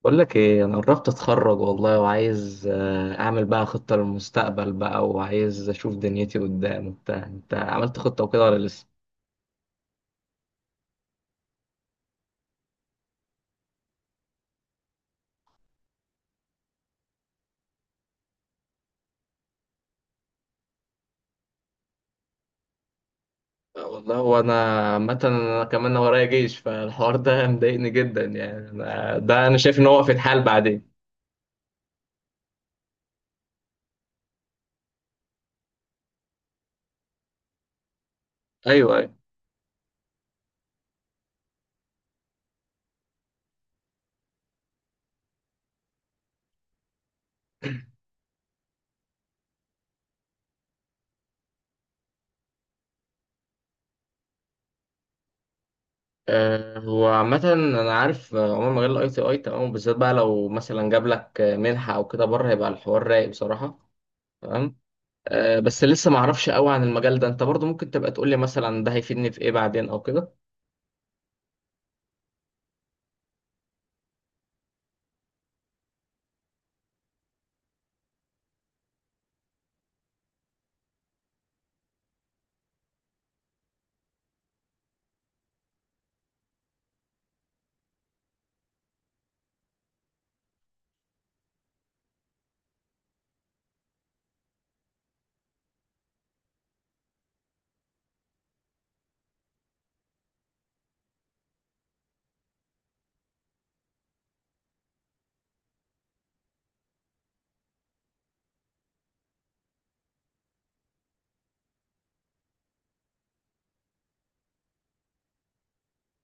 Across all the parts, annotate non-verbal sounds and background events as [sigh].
بقول لك ايه، انا قربت اتخرج والله، وعايز اعمل بقى خطة للمستقبل بقى، وعايز اشوف دنيتي قدام وبتاع. انت عملت خطة وكده ولا لسه؟ والله. وانا عامه انا كمان ورايا جيش، فالحوار ده [laughs] مضايقني جدا. يعني ده انا شايف ان هو في الحال بعدين. ايوه، ايوه. هو عامة أنا عارف، عموما مجال الأي تي أي تمام، وبالذات بقى لو مثلا جاب لك منحة أو كده بره، هيبقى الحوار رايق بصراحة. تمام. بس لسه ما اعرفش قوي عن المجال ده. انت برضو ممكن تبقى تقول لي مثلا ده هيفيدني في ايه بعدين او كده؟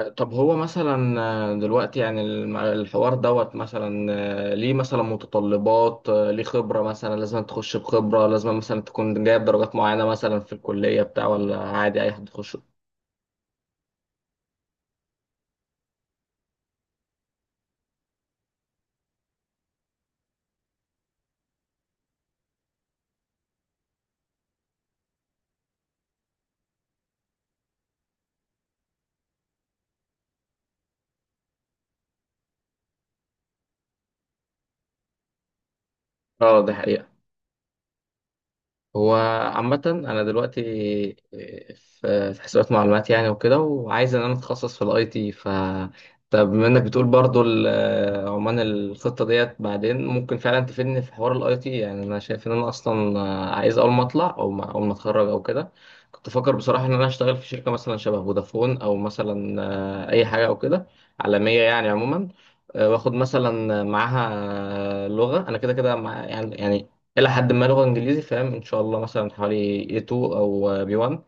طب هو مثلا دلوقتي، يعني الحوار دوت مثلا، ليه مثلا متطلبات، ليه خبرة، مثلا لازم تخش بخبرة، لازم مثلا تكون جايب درجات معينة مثلا في الكلية بتاع، ولا عادي اي حد يخش؟ اه، ده حقيقة. هو عامة أنا دلوقتي في في حسابات معلومات يعني وكده، وعايز إن أنا أتخصص في الأي تي. ف طب بما إنك بتقول برضو عمان الخطة ديت بعدين ممكن فعلا تفيدني في حوار الأي تي. يعني أنا شايف إن أنا أصلا عايز أول ما أطلع، أو ما أول ما أتخرج أو كده. كنت فاكر بصراحة إن أنا أشتغل في شركة مثلا شبه فودافون، أو مثلا أي حاجة أو كده عالمية يعني عموما، واخد مثلا معاها لغة. أنا كده كده مع يعني إلى حد ما، لغة إنجليزي فاهم إن شاء الله مثلا حوالي A2 أو B1.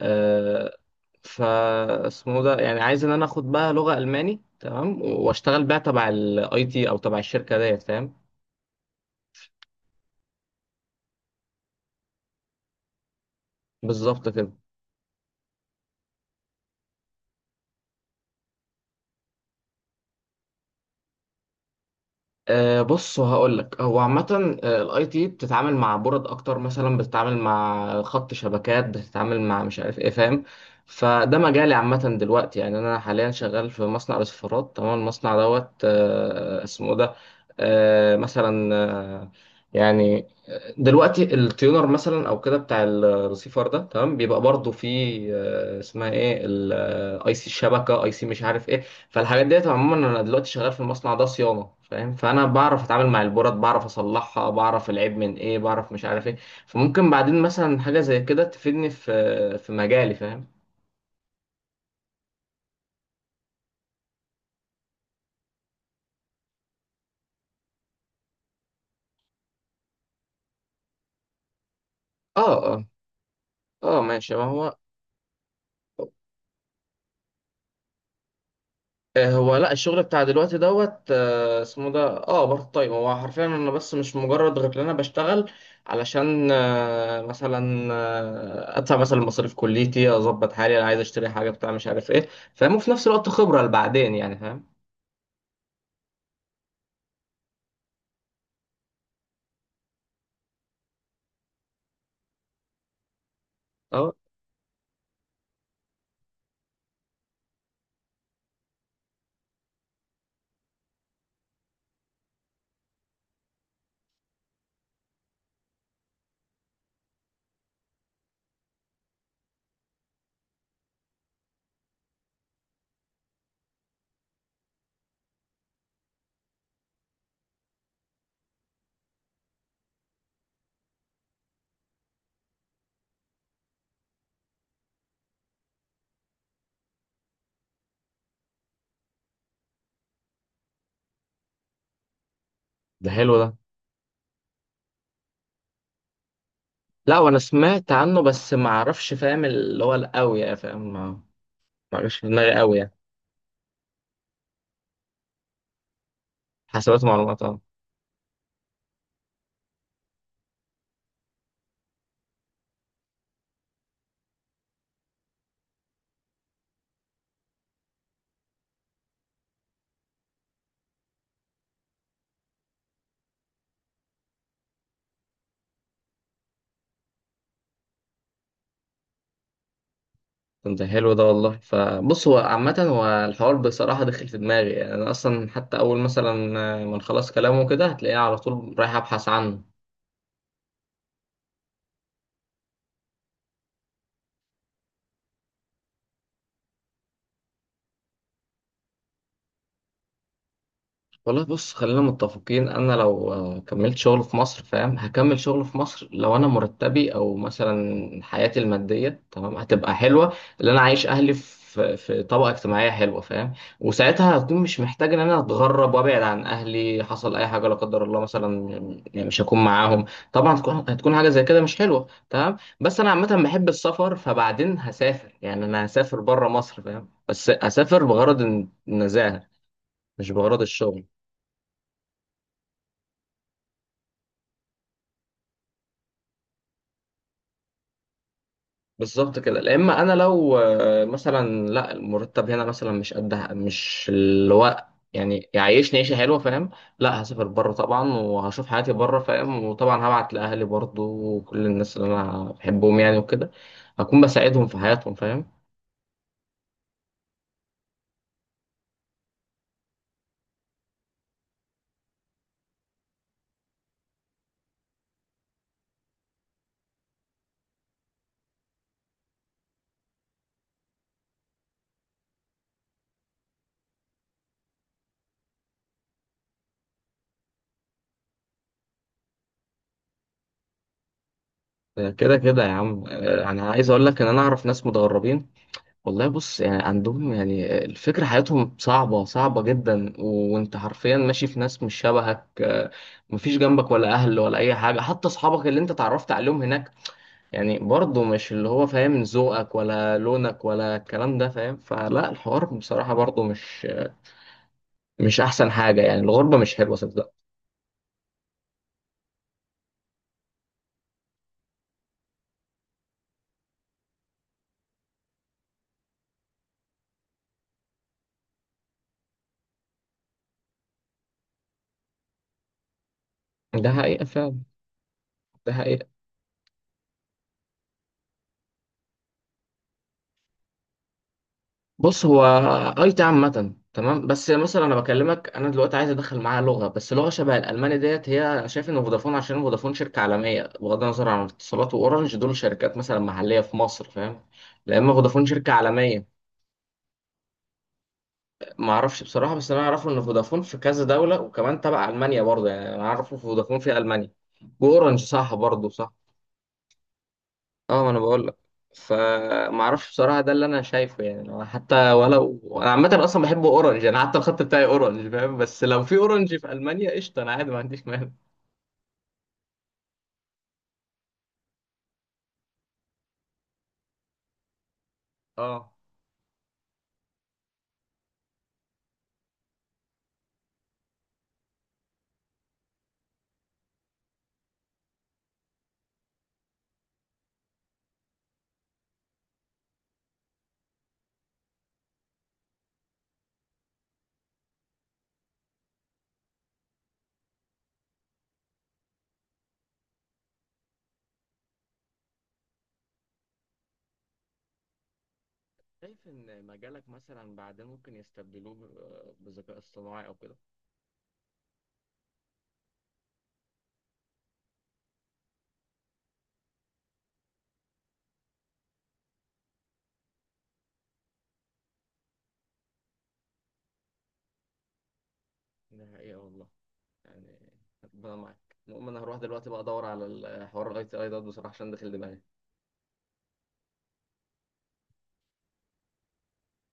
آه، فا اسمه ده، يعني عايز إن أنا آخد بقى لغة ألماني تمام، وأشتغل بقى تبع الأي تي أو تبع الشركة ديت فاهم. بالظبط كده. أه بص، هقول لك. هو عامة الاي تي بتتعامل مع بورد اكتر، مثلا بتتعامل مع خط شبكات، بتتعامل مع مش عارف ايه فاهم. فده مجالي عامة دلوقتي. يعني انا حاليا شغال في مصنع رسيفرات تمام. المصنع دوت اسمه ده، مثلا، أه يعني دلوقتي التيونر مثلا او كده بتاع الرسيفر ده تمام، بيبقى برضه فيه اسمها ايه، الاي سي الشبكة، اي سي مش عارف ايه. فالحاجات ديت عموما انا دلوقتي شغال في المصنع ده صيانه فاهم. فانا بعرف اتعامل مع البورات، بعرف اصلحها، بعرف العيب من ايه، بعرف مش عارف ايه. فممكن بعدين مثلا حاجه زي كده تفيدني في مجالي فاهم. اه، اه. اه ماشي. ما هو هو لا، الشغل بتاع دلوقتي دوت اسمه ده بارت تايم. هو حرفيا انا بس مش مجرد غير ان انا بشتغل علشان مثلا ادفع مثلا مصاريف كليتي، اظبط حالي، انا عايز اشتري حاجه بتاع مش عارف ايه فاهم، وفي نفس الوقت خبره لبعدين يعني فاهم. اه، ده حلو ده. لا، وانا سمعت عنه، بس ما اعرفش فاهم اللي هو القوي يعني فاهم. ما جاش في دماغي قوي يعني. حسابات معلومات، اه. طب ده حلو ده والله. فبص، هو عامة، هو الحوار بصراحة دخل في دماغي، يعني أنا أصلا حتى أول مثلا ما نخلص كلامه كده هتلاقيني على طول رايح أبحث عنه. والله بص، خلينا متفقين. انا لو كملت شغل في مصر فاهم، هكمل شغل في مصر. لو انا مرتبي او مثلا حياتي الماديه تمام هتبقى حلوه، اللي انا عايش اهلي في طبقه اجتماعيه حلوه فاهم، وساعتها هكون مش محتاج ان انا اتغرب وابعد عن اهلي. حصل اي حاجه لا قدر الله مثلا، يعني مش هكون معاهم. طبعا هتكون حاجه زي كده مش حلوه تمام. بس انا عامه بحب السفر، فبعدين هسافر. يعني انا هسافر بره مصر فاهم، بس اسافر بغرض النزاهه، مش بغرض الشغل. بالظبط كده. لا، اما انا لو مثلا، لا المرتب هنا مثلا مش قد، مش الوقت، يعني يعيشني عيشه حلوه فاهم، لا هسافر بره طبعا، وهشوف حياتي بره فاهم. وطبعا هبعت لاهلي برضو، وكل الناس اللي انا بحبهم يعني وكده، هكون بساعدهم في حياتهم فاهم. كده كده يا عم، انا عايز اقول لك ان انا اعرف ناس متغربين. والله بص، يعني عندهم، يعني الفكرة حياتهم صعبة صعبة جدا، وانت حرفيا ماشي في ناس مش شبهك، مفيش جنبك ولا اهل ولا اي حاجة. حتى اصحابك اللي انت اتعرفت عليهم هناك، يعني برضه مش اللي هو فاهم ذوقك ولا لونك ولا الكلام ده فاهم. فلا، الحوار بصراحة برضه مش احسن حاجة. يعني الغربة مش حلوة صدق. ده حقيقة فعلا. ده حقيقة. بص، هو اي تي عامة تمام، بس مثلا انا بكلمك انا دلوقتي عايز ادخل معاها لغة، بس لغة شبه الالماني ديت هي. انا شايف ان فودافون، عشان فودافون شركة عالمية، بغض النظر عن اتصالات واورنج، دول شركات مثلا محلية في مصر فاهم، لا اما فودافون شركة عالمية. ما اعرفش بصراحة، بس انا اعرفه ان فودافون في كذا دولة، وكمان تبع المانيا برضه. يعني انا اعرف إن فودافون في المانيا، واورنج صح برضه، صح. اه، ما انا بقول لك. فما اعرفش بصراحه، ده اللي انا شايفه. يعني لو حتى، ولو انا عامه اصلا بحب اورنج، انا حتى الخط بتاعي اورنج فاهم، بس لو في اورنج في المانيا قشطه، انا عادي ما عنديش مانع. اه، شايف ان مجالك مثلا بعدين ممكن يستبدلوه بالذكاء اصطناعي او كده؟ ده حقيقة والله. يعني ربنا معاك. المهم انا هروح دلوقتي بقى ادور على الحوار الاي تي اي ده بصراحه، عشان داخل دماغي.